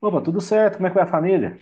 Opa, tudo certo? Como é que vai a família?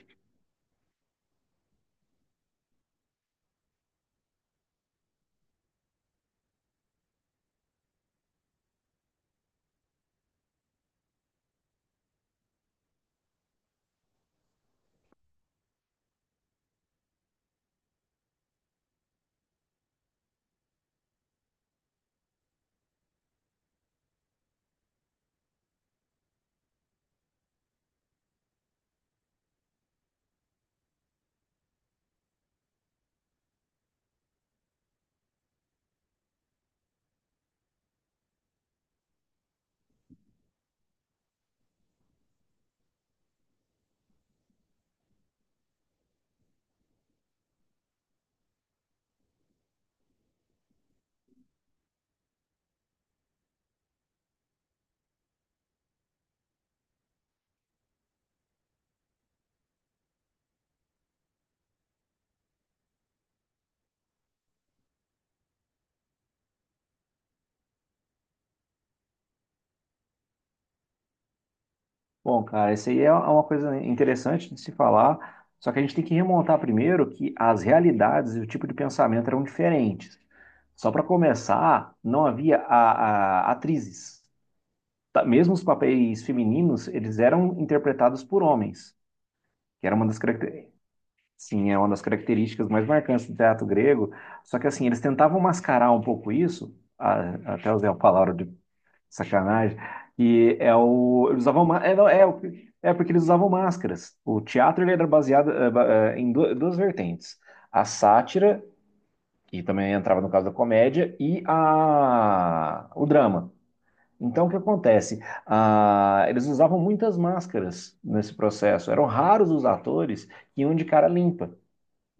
Bom, cara, isso aí é uma coisa interessante de se falar, só que a gente tem que remontar primeiro que as realidades e o tipo de pensamento eram diferentes. Só para começar, não havia atrizes. Tá. Mesmo os papéis femininos, eles eram interpretados por homens, que era uma das sim, é uma das características mais marcantes do teatro grego. Só que assim, eles tentavam mascarar um pouco isso, até usei a palavra de sacanagem. E é o. Eles usavam. Ma- É, não, é, o- é porque eles usavam máscaras. O teatro ele era baseado em duas vertentes: a sátira, que também entrava no caso da comédia, e o drama. Então, o que acontece? Eles usavam muitas máscaras nesse processo. Eram raros os atores que iam de cara limpa.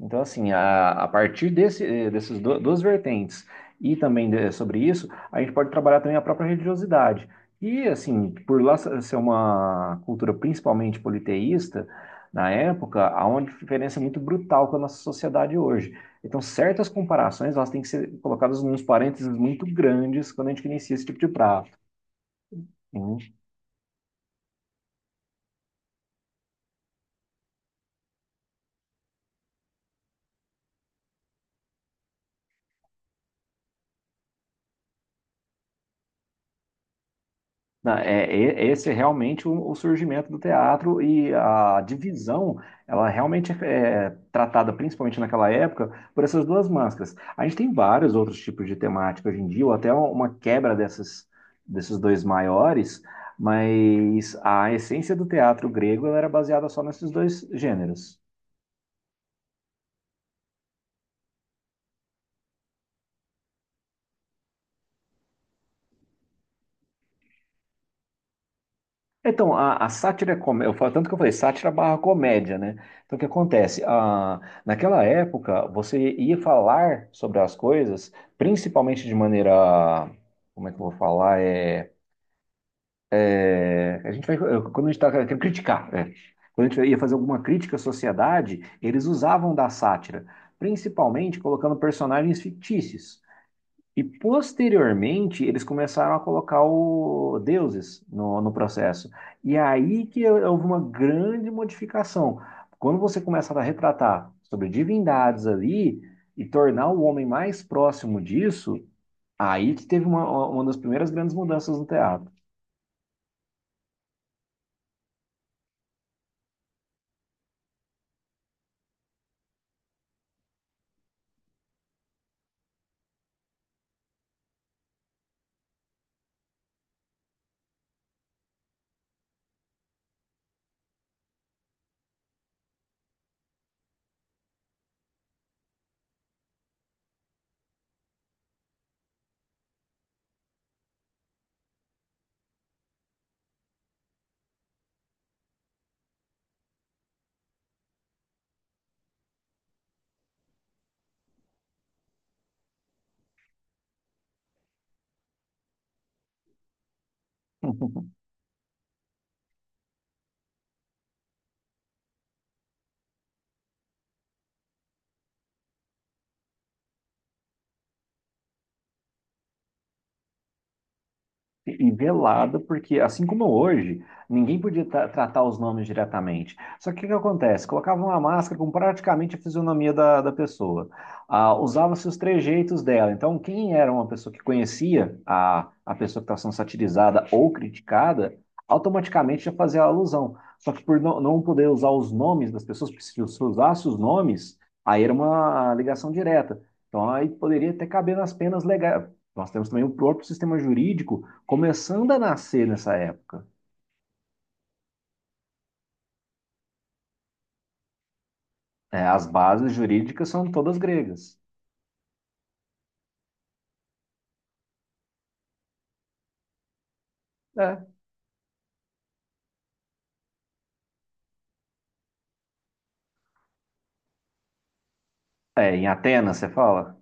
Então, assim, a partir desses duas vertentes e também sobre isso, a gente pode trabalhar também a própria religiosidade. E, assim, por lá ser uma cultura principalmente politeísta, na época, há uma diferença muito brutal com a nossa sociedade hoje. Então, certas comparações, elas têm que ser colocadas nos parênteses muito grandes quando a gente inicia esse tipo de prato. É, esse é realmente o surgimento do teatro e a divisão, ela realmente é tratada, principalmente naquela época, por essas duas máscaras. A gente tem vários outros tipos de temática hoje em dia, ou até uma quebra dessas, desses dois maiores, mas a essência do teatro grego ela era baseada só nesses dois gêneros. Então, a sátira, eu falo tanto que eu falei, sátira barra comédia, né? Então, o que acontece? Ah, naquela época, você ia falar sobre as coisas, principalmente de maneira, como é que eu vou falar? A gente vai, quando a gente está querendo criticar, é. Quando a gente ia fazer alguma crítica à sociedade, eles usavam da sátira, principalmente colocando personagens fictícios. E posteriormente, eles começaram a colocar o deuses no processo. E aí que houve uma grande modificação. Quando você começa a retratar sobre divindades ali e tornar o homem mais próximo disso, aí que teve uma das primeiras grandes mudanças no teatro. E e velado, porque assim como hoje, ninguém podia tratar os nomes diretamente. Só que o que que acontece? Colocavam uma máscara com praticamente a fisionomia da pessoa. Ah, usava-se os trejeitos dela. Então, quem era uma pessoa que conhecia a pessoa que estava sendo satirizada ou criticada, automaticamente já fazia a alusão. Só que por não poder usar os nomes das pessoas, porque se usasse os nomes, aí era uma ligação direta. Então, aí poderia até caber nas penas legais. Nós temos também o próprio sistema jurídico começando a nascer nessa época. É, as bases jurídicas são todas gregas. É. É, em Atenas, você fala?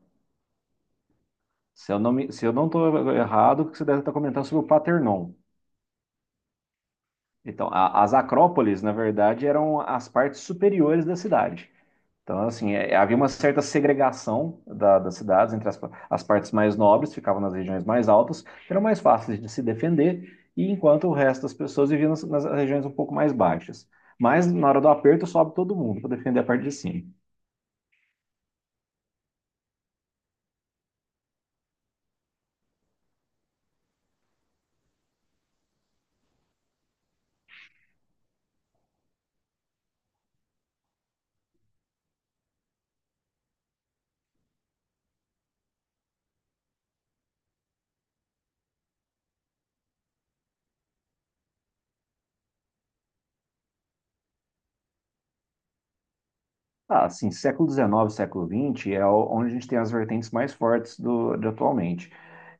Se eu não me, se eu não estou errado, você deve estar comentando sobre o Paternon. Então, as acrópoles, na verdade, eram as partes superiores da cidade. Então, assim, é, havia uma certa segregação das cidades entre as partes mais nobres, ficavam nas regiões mais altas, que eram mais fáceis de se defender, e enquanto o resto das pessoas viviam nas regiões um pouco mais baixas. Mas, na hora do aperto, sobe todo mundo para defender a parte de cima. Ah, assim, século XIX, século XX é onde a gente tem as vertentes mais fortes do, de atualmente.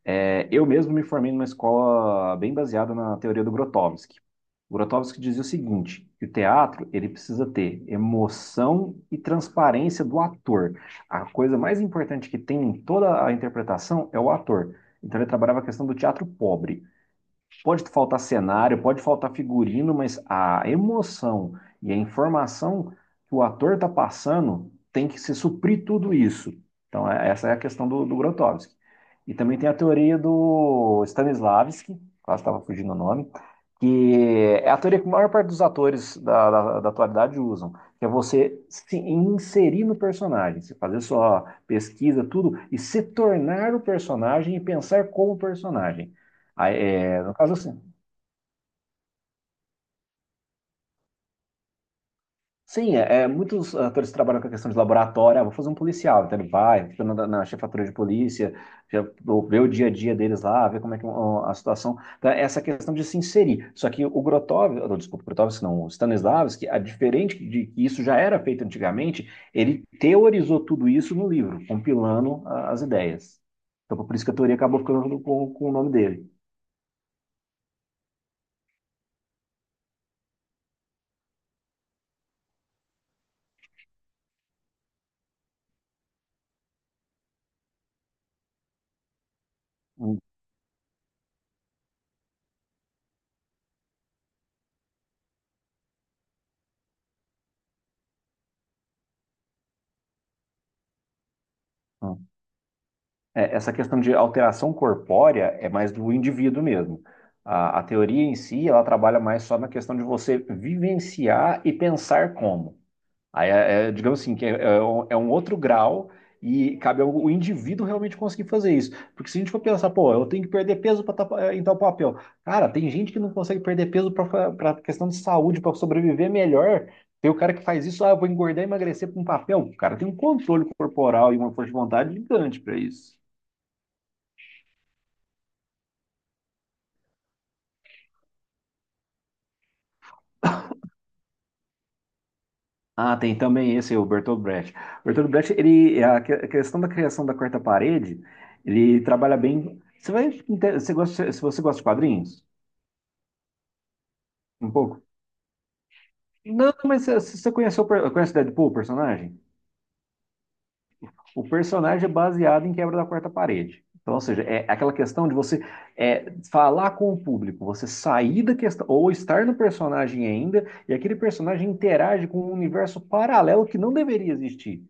É, eu mesmo me formei numa escola bem baseada na teoria do Grotowski. O Grotowski dizia o seguinte, que o teatro ele precisa ter emoção e transparência do ator. A coisa mais importante que tem em toda a interpretação é o ator. Então ele trabalhava a questão do teatro pobre. Pode faltar cenário, pode faltar figurino, mas a emoção e a informação que o ator está passando tem que se suprir tudo isso. Então, essa é a questão do Grotowski. E também tem a teoria do Stanislavski, quase estava fugindo o nome, que é a teoria que a maior parte dos atores da atualidade usam, que é você se inserir no personagem, você fazer sua pesquisa, tudo, e se tornar o personagem e pensar como personagem. Aí, é, no caso, assim, sim, muitos atores trabalham com a questão de laboratório. Ah, vou fazer um policial. Então ele vai, fica na chefatura de polícia, já, vê o dia a dia deles lá, vê como é que ó, a situação. Então, é essa questão de se inserir. Só que o Grotov, não, desculpa, Grotov, não, o Stanislavski, a diferente de que isso já era feito antigamente, ele teorizou tudo isso no livro, compilando as ideias. Então, por isso que a teoria acabou ficando com o nome dele. Então, É, essa questão de alteração corpórea é mais do indivíduo mesmo. A teoria em si, ela trabalha mais só na questão de você vivenciar e pensar como. Aí, digamos assim, é um outro grau e cabe ao o indivíduo realmente conseguir fazer isso. Porque se a gente for pensar, pô, eu tenho que perder peso para entrar o papel. Cara, tem gente que não consegue perder peso para questão de saúde, para sobreviver melhor. Tem o cara que faz isso, ah, eu vou engordar e emagrecer para um papel. O cara tem um controle corporal e uma força de vontade gigante para isso. Ah, tem também esse, o Bertolt Brecht. Bertolt Brecht, ele, a questão da criação da quarta parede, ele trabalha bem. Você vai, você gosta, se você gosta de quadrinhos, um pouco? Não, mas você conhece o conhece o Deadpool, o personagem? O personagem é baseado em quebra da quarta parede. Então, ou seja, é aquela questão de você é, falar com o público, você sair da questão, ou estar no personagem ainda, e aquele personagem interage com um universo paralelo que não deveria existir.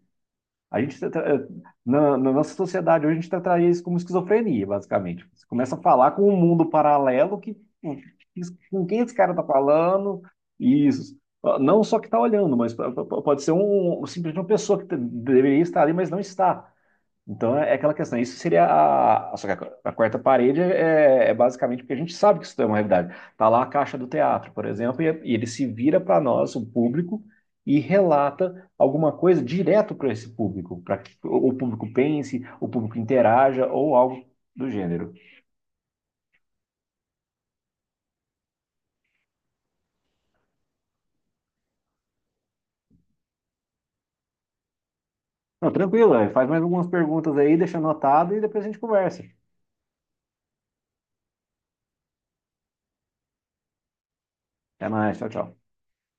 A gente, na nossa sociedade hoje, a gente tá traindo isso como esquizofrenia, basicamente. Você começa a falar com um mundo paralelo que, pô, isso- com quem esse cara tá falando, e isso. Não só que tá olhando, mas pode ser um, simplesmente uma pessoa que deveria estar ali, mas não está. Então é aquela questão. Isso seria a. Só que a quarta parede é basicamente porque a gente sabe que isso é uma realidade. Tá lá a caixa do teatro, por exemplo, e ele se vira para nós, o público, e relata alguma coisa direto para esse público, para que o público pense, o público interaja ou algo do gênero. Não, tranquilo, é, faz mais algumas perguntas aí, deixa anotado e depois a gente conversa. Até mais, tchau, tchau.